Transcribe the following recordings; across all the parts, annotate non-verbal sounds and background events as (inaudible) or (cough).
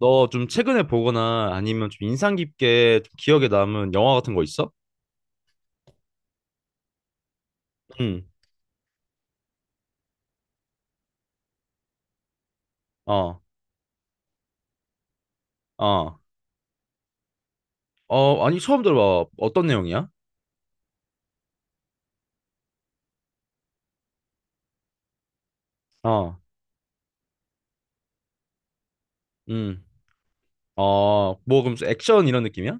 너 좀 최근에 보거나 아니면 좀 인상 깊게 좀 기억에 남은 영화 같은 거 있어? 응. 어. 어. 어, 아니 처음 들어봐. 어떤 내용이야? 어. 음. 어, 뭐 그럼 액션 이런 느낌이야?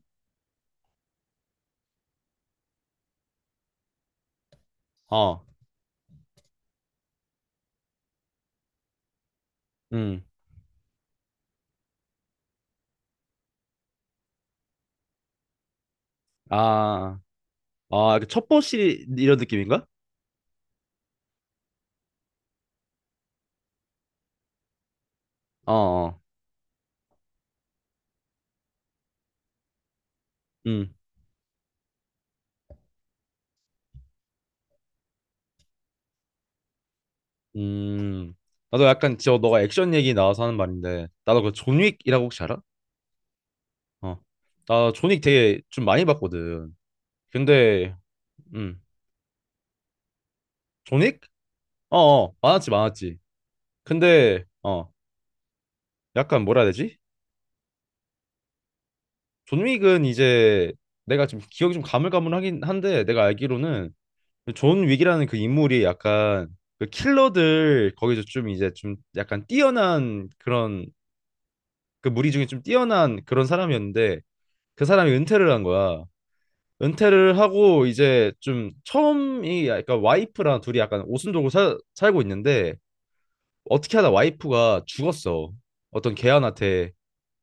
어. 음. 아. 아, 그 첩보 시리 이런 느낌인가? 어. 어. 음. 음. 나도 약간 저 너가 액션 얘기 나와서 하는 말인데 나도 그 존윅이라고 혹시 알아? 어. 나 존윅 되게 좀 많이 봤거든. 근데 음. 존윅? 어, 어. 많았지, 많았지. 근데 약간 뭐라 해야 되지? 존 윅은 이제 내가 지금 기억이 좀 가물가물하긴 한데 내가 알기로는 존 윅이라는 그 인물이 약간 그 킬러들 거기서 좀 이제 좀 약간 뛰어난 그런 그 무리 중에 좀 뛰어난 그런 사람이었는데 그 사람이 은퇴를 한 거야. 은퇴를 하고 이제 좀 처음이 약간 와이프랑 둘이 약간 오순도고 살 살고 있는데 어떻게 하다 와이프가 죽었어. 어떤 개한한테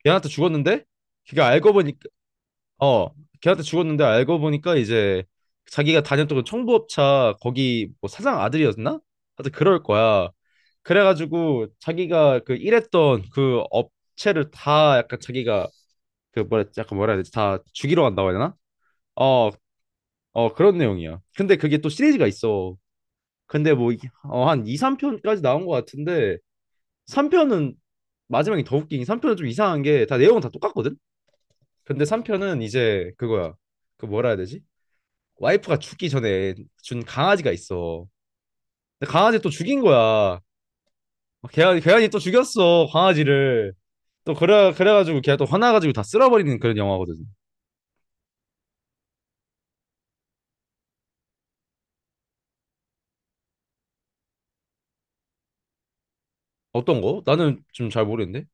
개한테 죽었는데 그게 알고 보니 어, 걔한테 죽었는데 알고 보니까 이제 자기가 다녔던 그 청부업차 거기 뭐 사장 아들이었나? 하여튼 그럴 거야. 그래가지고 자기가 그 일했던 그 업체를 다 약간 자기가 그 뭐라 약간 뭐라 해야 되지? 다 죽이러 간다고 해야 되나? 어, 어 그런 내용이야. 근데 그게 또 시리즈가 있어. 근데 뭐 어, 한 2, 3편까지 나온 것 같은데 3편은 마지막이 더 웃긴 게 3편은 좀 이상한 게 다 내용은 다 똑같거든? 근데 3편은 이제 그거야. 그 뭐라 해야 되지? 와이프가 죽기 전에 준 강아지가 있어. 근데 강아지 또 죽인 거야. 걔한이 또 죽였어, 강아지를. 그래가지고 걔가 또 화나가지고 다 쓸어버리는 그런 영화거든. 어떤 거? 나는 좀 잘 모르겠는데.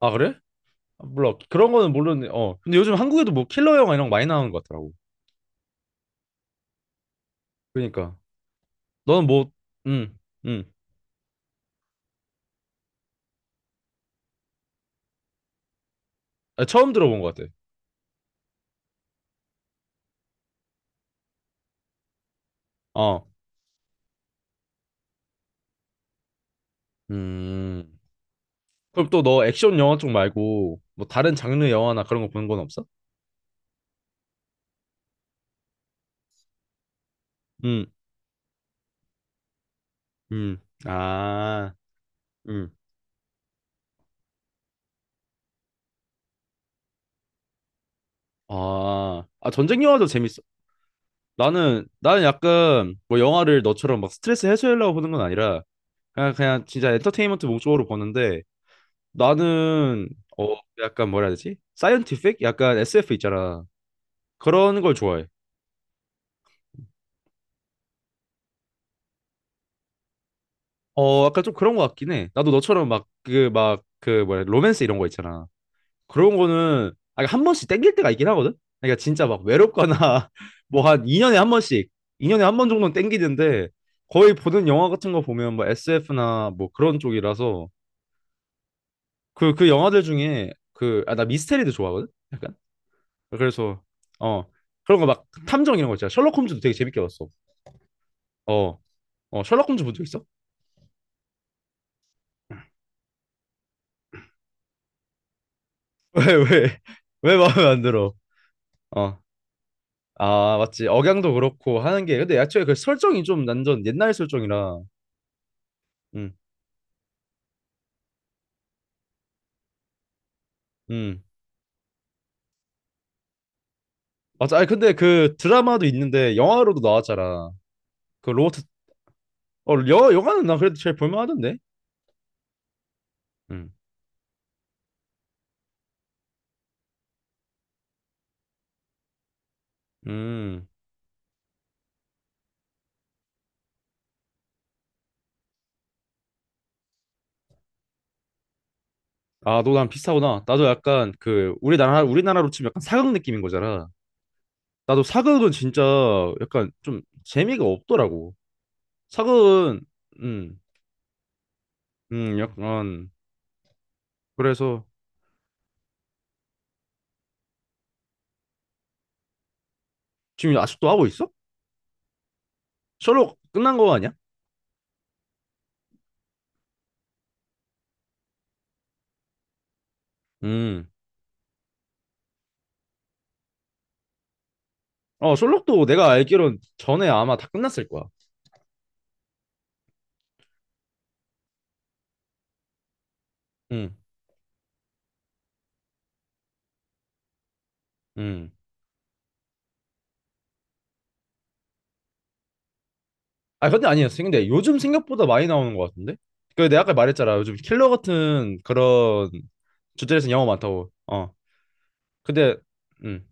아, 그래? 몰라. 그런 거는 모르는데, 어. 근데 요즘 한국에도 뭐 킬러 영화 이런 거 많이 나오는 것 같더라고. 그러니까. 너는 뭐, 음, 음. 아, 처음 들어본 것 같아. 어. 음. 그럼 또 너 액션 영화 쪽 말고 뭐 다른 장르 영화나 그런 거 보는 건 없어? 음, 음. 아, 음. 아, 아 전쟁 영화도 재밌어. 나는 약간 뭐 영화를 너처럼 막 스트레스 해소하려고 보는 건 아니라 그냥 그냥 진짜 엔터테인먼트 목적으로 보는데 나는 어 약간 뭐라 해야 되지? 사이언티픽? 약간 SF 있잖아. 그런 걸 좋아해. 어 약간 좀 그런 거 같긴 해. 나도 너처럼 막 그 막 그 뭐야 로맨스 이런 거 있잖아. 그런 거는 아니, 한 번씩 땡길 때가 있긴 하거든. 그러니까 진짜 막 외롭거나 (laughs) 뭐 한 2년에 한 번씩, 2년에 한 번 정도는 땡기는데 거의 보는 영화 같은 거 보면 뭐 SF나 뭐 그런 쪽이라서 그 영화들 중에 그 아 나 미스테리도 좋아하거든. 그래서 어 그런 거 막 탐정 이런 거 있잖아. 셜록 홈즈도 되게 재밌게 봤어. 어, 어 셜록 홈즈 본 적 있어? (laughs) 왜 왜? 왜 마음에 안 들어? 어. 아, 맞지. 억양도 그렇고 하는 게 근데 애초에 그 설정이 좀 난전 옛날 설정이라. 음. 음. 맞아. 아니 근데 그 드라마도 있는데 영화로도 나왔잖아. 그 로버트 어 영화 영화는 나 그래도 제일 볼만하던데. 음. 음. 아, 너 나랑 비슷하구나. 나도 약간 그 우리나라 우리나라로 치면 약간 사극 느낌인 거잖아. 나도 사극은 진짜 약간 좀 재미가 없더라고. 사극은 음. 약간 그래서 지금 아직도 하고 있어? 셜록 끝난 거 아니야? 음. 어, 셜록도 내가 알기론 전에 아마 다 끝났을 거야. 음. 음. 아 근데 아니었어. 근데 요즘 생각보다 많이 나오는 것 같은데? 그 내가 아까 말했잖아. 요즘 킬러 같은 그런 주제에서 영화 많다고. 어. 근데 음.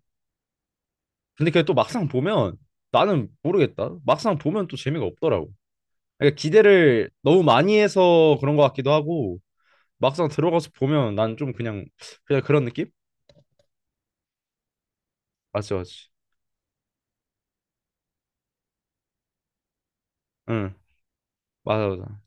근데 그게 또 막상 보면 나는 모르겠다. 막상 보면 또 재미가 없더라고. 그러니까 기대를 너무 많이 해서 그런 것 같기도 하고 막상 들어가서 보면 난 좀 그냥 그냥 그런 느낌? 맞지, 맞지. 응. 맞아, 맞아.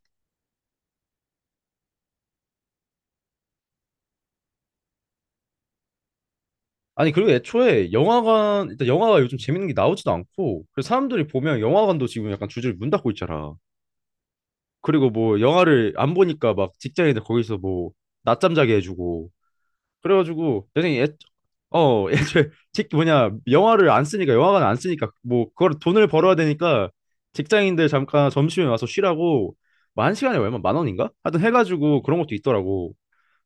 아니 그리고 애초에 영화관 일단 영화가 요즘 재밌는 게 나오지도 않고 그래서 사람들이 보면 영화관도 지금 약간 줄줄이 문 닫고 있잖아. 그리고 뭐 영화를 안 보니까 막 직장인들 거기서 뭐 낮잠 자게 해주고 그래가지고 선생님 애, 어 (laughs) 애초에 직 뭐냐 영화를 안 쓰니까 영화관 안 쓰니까 뭐 그걸 돈을 벌어야 되니까 직장인들 잠깐 점심에 와서 쉬라고 뭐 한 시간에 얼마 만 원인가? 하여튼 해가지고 그런 것도 있더라고.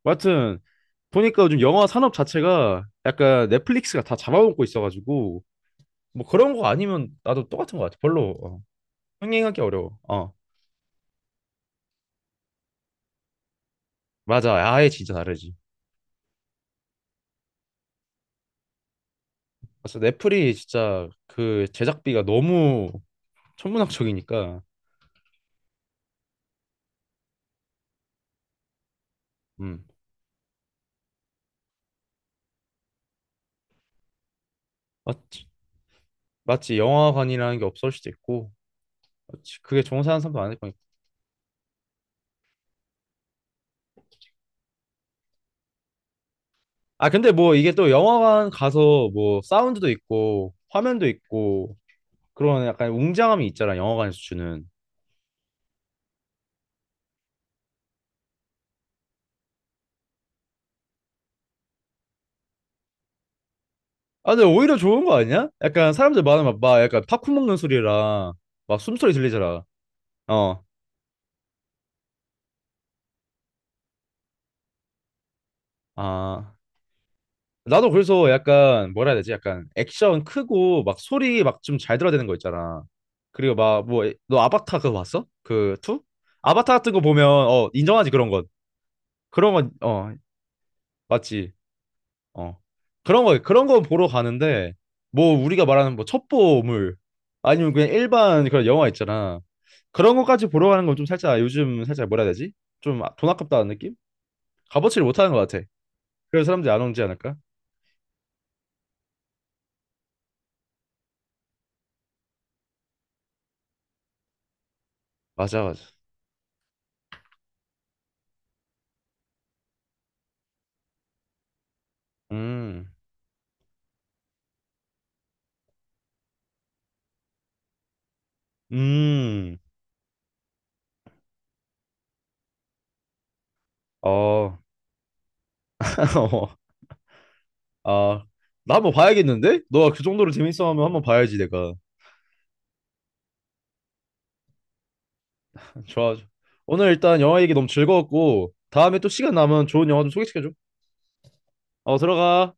뭐 하여튼 보니까 요즘 영화 산업 자체가 약간 넷플릭스가 다 잡아먹고 있어가지고 뭐 그런 거 아니면 나도 똑같은 거 같아 별로. 어, 흥행하기 어려워. 어 맞아 아예 진짜 다르지. 그래서 넷플이 진짜 그 제작비가 너무 천문학적이니까 음 맞지, 맞지. 영화관이라는 게 없을 수도 있고 맞지 그게 정사하는 사람도 많을 거니까. 아 근데 뭐 이게 또 영화관 가서 뭐 사운드도 있고 화면도 있고 그런 약간 웅장함이 있잖아 영화관에서 주는. 아 근데 오히려 좋은 거 아니야? 약간 사람들 많으면 막 약간 팝콘 먹는 소리랑 막 숨소리 들리잖아. 어아 나도 그래서 약간 뭐라 해야 되지? 약간 액션 크고 막 소리 막 좀 잘 들어야 되는 거 있잖아. 그리고 막 뭐 너 아바타 그거 봤어? 그 투? 아바타 같은 거 보면 어 인정하지 그런 건. 그런 건 어 맞지. 어 그런 거 그런 거 보러 가는데 뭐 우리가 말하는 뭐 첩보물 아니면 그냥 일반 그런 영화 있잖아. 그런 거까지 보러 가는 건 좀 살짝 요즘 살짝 뭐라 해야 되지? 좀 아, 돈 아깝다는 느낌? 값어치를 못 하는 것 같아. 그래서 사람들이 안 오지 않을까? 맞아, 맞아. 음. 음. 어, (laughs) 아, 나 한번 봐야겠는데? 너가 그 정도로 재밌어하면 한번 봐야지 내가. 좋아. 좋아. 오늘 일단 영화 얘기 너무 즐거웠고 다음에 또 시간 남으면 좋은 영화 좀 소개시켜줘. 어, 들어가.